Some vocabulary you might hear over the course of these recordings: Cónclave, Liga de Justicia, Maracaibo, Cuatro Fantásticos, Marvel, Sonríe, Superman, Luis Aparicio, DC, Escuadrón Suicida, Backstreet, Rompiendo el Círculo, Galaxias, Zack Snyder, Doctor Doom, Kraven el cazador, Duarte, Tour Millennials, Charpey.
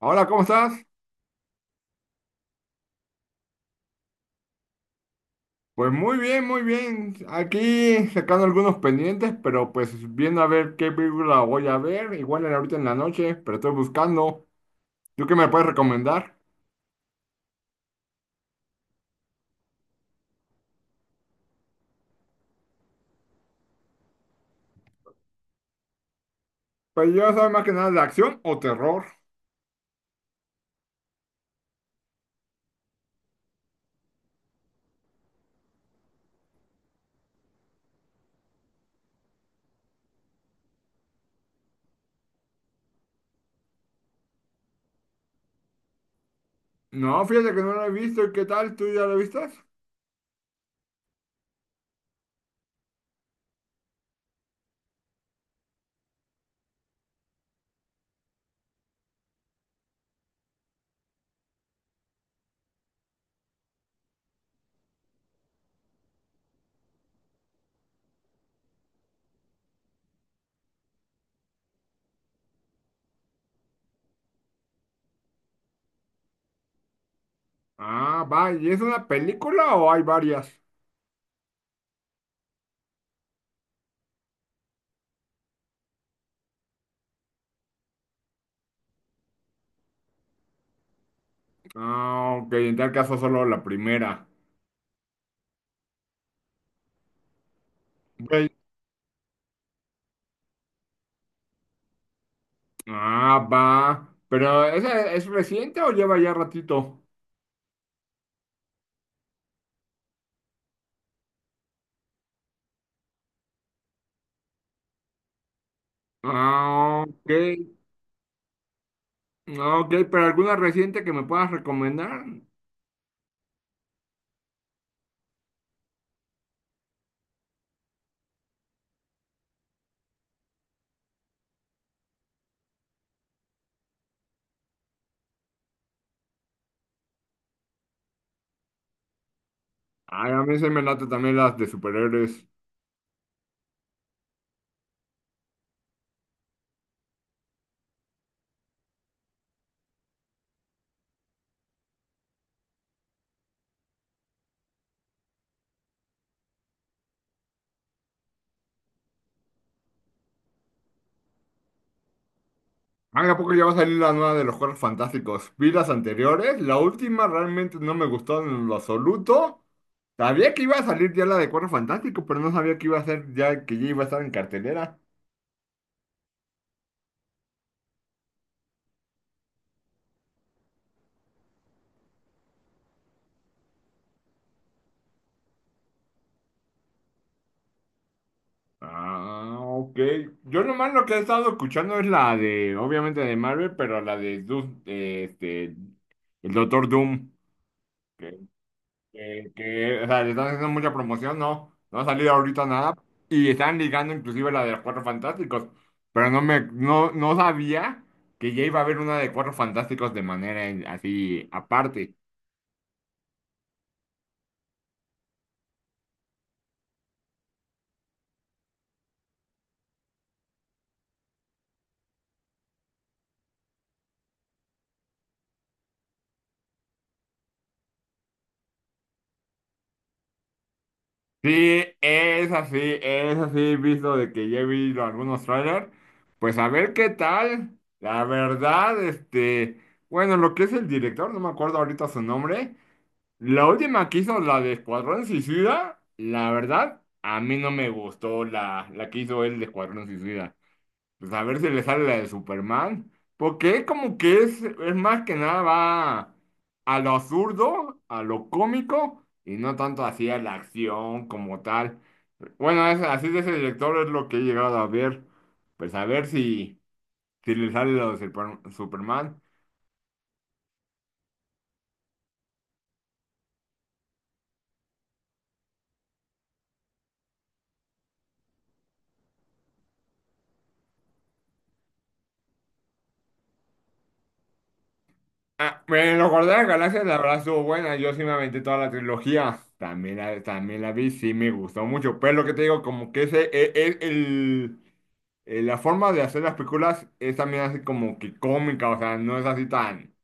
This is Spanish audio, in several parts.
Hola, ¿cómo estás? Pues muy bien, muy bien. Aquí sacando algunos pendientes, pero pues viendo a ver qué película voy a ver. Igual era ahorita en la noche, pero estoy buscando. ¿Tú qué me puedes recomendar? Pues yo soy más que nada de acción o terror. No, fíjate que no la he visto. ¿Y qué tal? ¿Tú ya la viste? Ah, va. ¿Y es una película o hay varias? Ah, ok. En tal caso solo la primera. Ok. Ah, va. ¿Pero esa es reciente o lleva ya ratito? Ah, ok. Ah, ok, pero alguna reciente que me puedas recomendar. Ay, a mí se me late también las de superhéroes. Ay, ¿a poco ya va a salir la nueva de los Cuatro Fantásticos? Vi las anteriores, la última realmente no me gustó en lo absoluto. Sabía que iba a salir ya la de Cuatro Fantásticos, pero no sabía que iba a ser ya que ya iba a estar en cartelera. Ah, ok. Yo nomás lo que he estado escuchando es la de, obviamente de Marvel, pero la de Doom, de, el Doctor Doom. O sea, le están haciendo mucha promoción, no, no ha salido ahorita nada. Y están ligando inclusive la de los Cuatro Fantásticos. Pero no me, no, no sabía que ya iba a haber una de Cuatro Fantásticos de manera en- así aparte. Sí, es así, visto de que ya he visto algunos trailers. Pues a ver qué tal. La verdad, bueno, lo que es el director, no me acuerdo ahorita su nombre. La última que hizo, la de Escuadrón Suicida, la verdad, a mí no me gustó la que hizo él de Escuadrón Suicida. Pues a ver si le sale la de Superman, porque como que es más que nada va a lo absurdo, a lo cómico, y no tanto así a la acción como tal. Bueno, es- así de ese director es lo que he llegado a ver. Pues a ver si, si le sale la de Super- Superman. Ah, me lo acordé de las Galaxias, la verdad estuvo buena. Yo sí me aventé toda la trilogía. También la vi, sí me gustó mucho. Pero lo que te digo, como que ese, e- e- el, la forma de hacer las películas es también así como que cómica, o sea, no es así tan...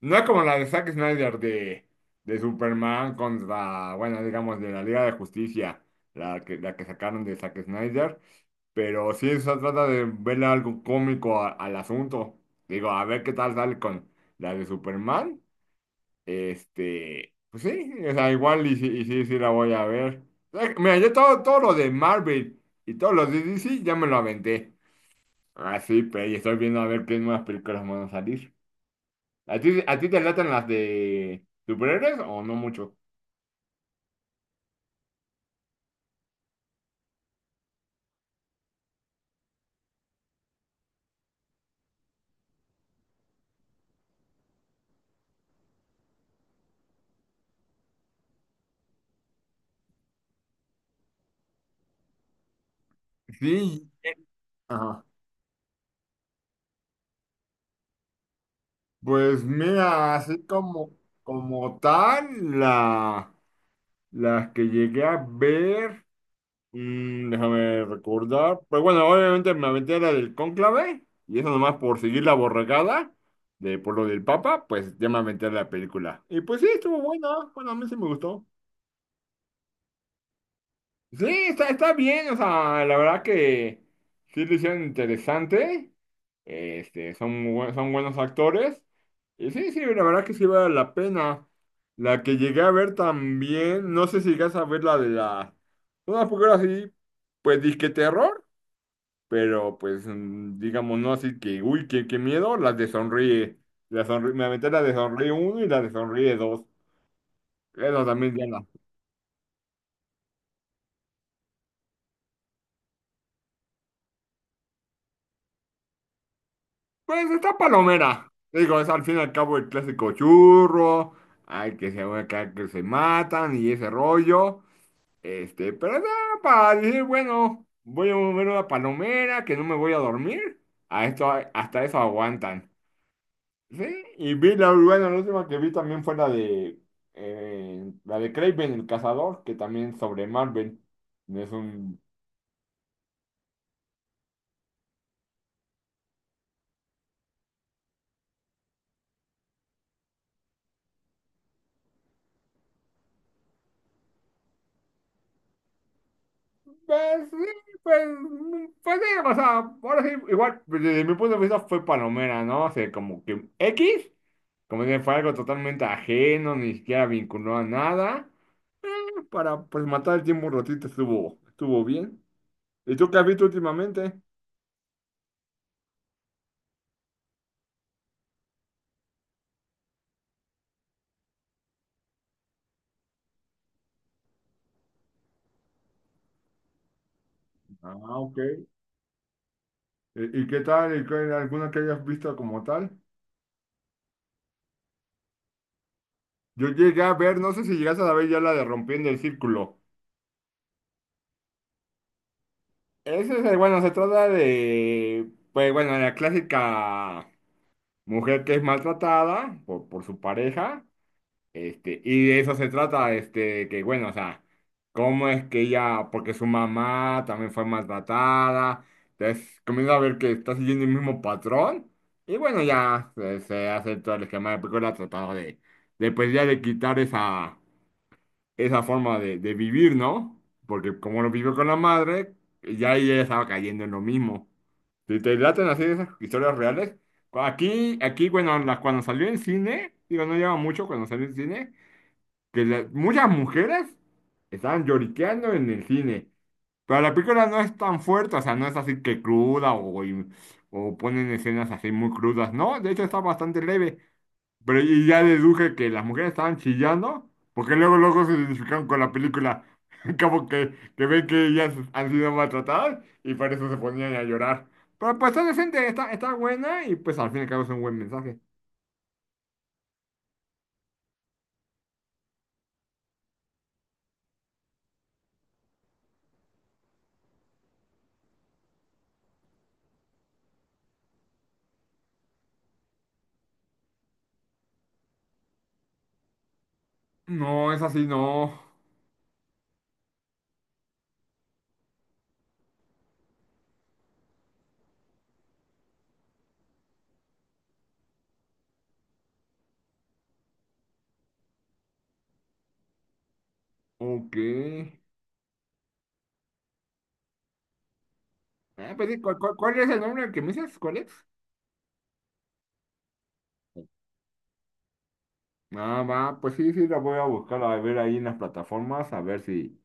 No es como la de Zack Snyder de Superman contra, bueno, digamos, de la Liga de Justicia, la que sacaron de Zack Snyder. Pero sí se trata de verle algo cómico a- al asunto. Digo, a ver qué tal sale con la de Superman. Pues sí, o sea, igual y, sí, sí la voy a ver. Mira, todo lo de Marvel y todos los de DC ya me lo aventé. Así, pero y estoy viendo a ver qué nuevas películas van a salir. ¿A ti te latan las de superhéroes o no mucho? Sí. Ajá. Pues mira, así como, como tal, la... Las que llegué a ver, déjame recordar. Pues bueno, obviamente me aventé la del cónclave, y eso nomás por seguir la borregada de por lo del Papa, pues ya me aventé la película. Y pues sí, estuvo buena, bueno, a mí sí me gustó. Sí, está bien, o sea, la verdad que sí lo hicieron interesante. Son, muy buen- son buenos actores. Y sí, sí, la verdad que sí vale la pena. La que llegué a ver también, no sé si llegas a ver la de la... Una película así, pues disque terror, pero pues digamos no así que, uy, qué miedo, las de Sonríe. La Sonríe- me aventé la de Sonríe uno y la de Sonríe dos. Esa también ya la... Pues está palomera. Digo, es al fin y al cabo el clásico churro, ay, que se, acá que se matan y ese rollo. Pero nada, para decir, bueno, voy a mover una palomera, que no me voy a dormir. A esto, hasta eso aguantan. Sí, y vi la, bueno, la última que vi también fue la de Kraven el cazador, que también es sobre Marvel. Es un pues sí, pues, pues sí, o sea, ahora sí, igual, pues, desde mi punto de vista fue palomera, ¿no? O sea, como que X, como que fue algo totalmente ajeno, ni siquiera vinculó a nada. Eh, para, pues, matar el tiempo un ratito estuvo, estuvo bien. ¿Y tú qué has visto últimamente? Ah, ok. Y qué tal? ¿Y qué- alguna que hayas visto como tal? Yo llegué a ver, no sé si llegaste a ver ya la de Rompiendo el Círculo. Ese es, el- bueno, se trata de, pues, bueno, la clásica... Mujer que es maltratada por su pareja, y de eso se trata, que bueno, o sea, cómo es que ella, porque su mamá también fue maltratada, entonces comienza a ver que está siguiendo el mismo patrón, y bueno, se hace todo el esquema de película tratando de, pues ya de quitar esa forma de vivir, ¿no? Porque como lo vivió con la madre, ya ella estaba cayendo en lo mismo. Si te laten así esas historias reales, aquí bueno, la- cuando salió en cine, digo, no lleva mucho cuando salió en cine, que la- muchas mujeres estaban lloriqueando en el cine. Pero la película no es tan fuerte, o sea, no es así que cruda o ponen escenas así muy crudas, ¿no? De hecho está bastante leve. Pero y ya deduje que las mujeres estaban chillando, porque luego, luego se identificaron con la película. Como que ven que ellas han sido maltratadas y por eso se ponían a llorar. Pero pues está decente, está, está buena y pues al fin y al cabo es un buen mensaje. No, es así, no. Ok. Ah, pues, sí, ¿cuál es el nombre que me dices? ¿Cuál es? Ah, va, pues sí, sí, la voy a buscar a ver ahí en las plataformas, a ver si,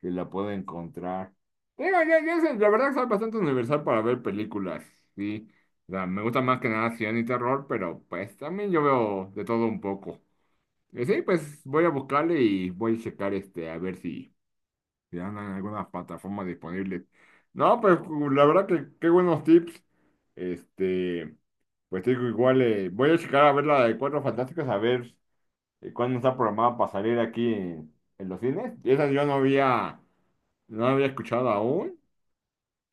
si la puedo encontrar. Digo, yo sé, la verdad soy bastante universal para ver películas, sí. O sea, me gusta más que nada acción y terror, pero pues también yo veo de todo un poco. Y sí, pues voy a buscarle y voy a checar a ver si, si andan en algunas plataformas disponibles. No, pues la verdad que qué buenos tips. Este, pues digo, igual voy a checar a ver la de Cuatro Fantásticos, a ver cuándo está programada para salir aquí en los cines. Y esas yo no había, no había escuchado aún,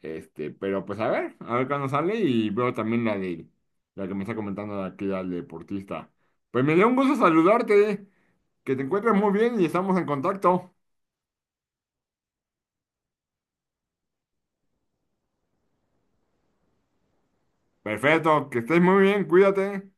pero pues a ver cuándo sale y veo también la que me está comentando aquí al deportista. Pues me dio un gusto saludarte, que te encuentres muy bien y estamos en contacto. Perfecto, que estés muy bien, cuídate.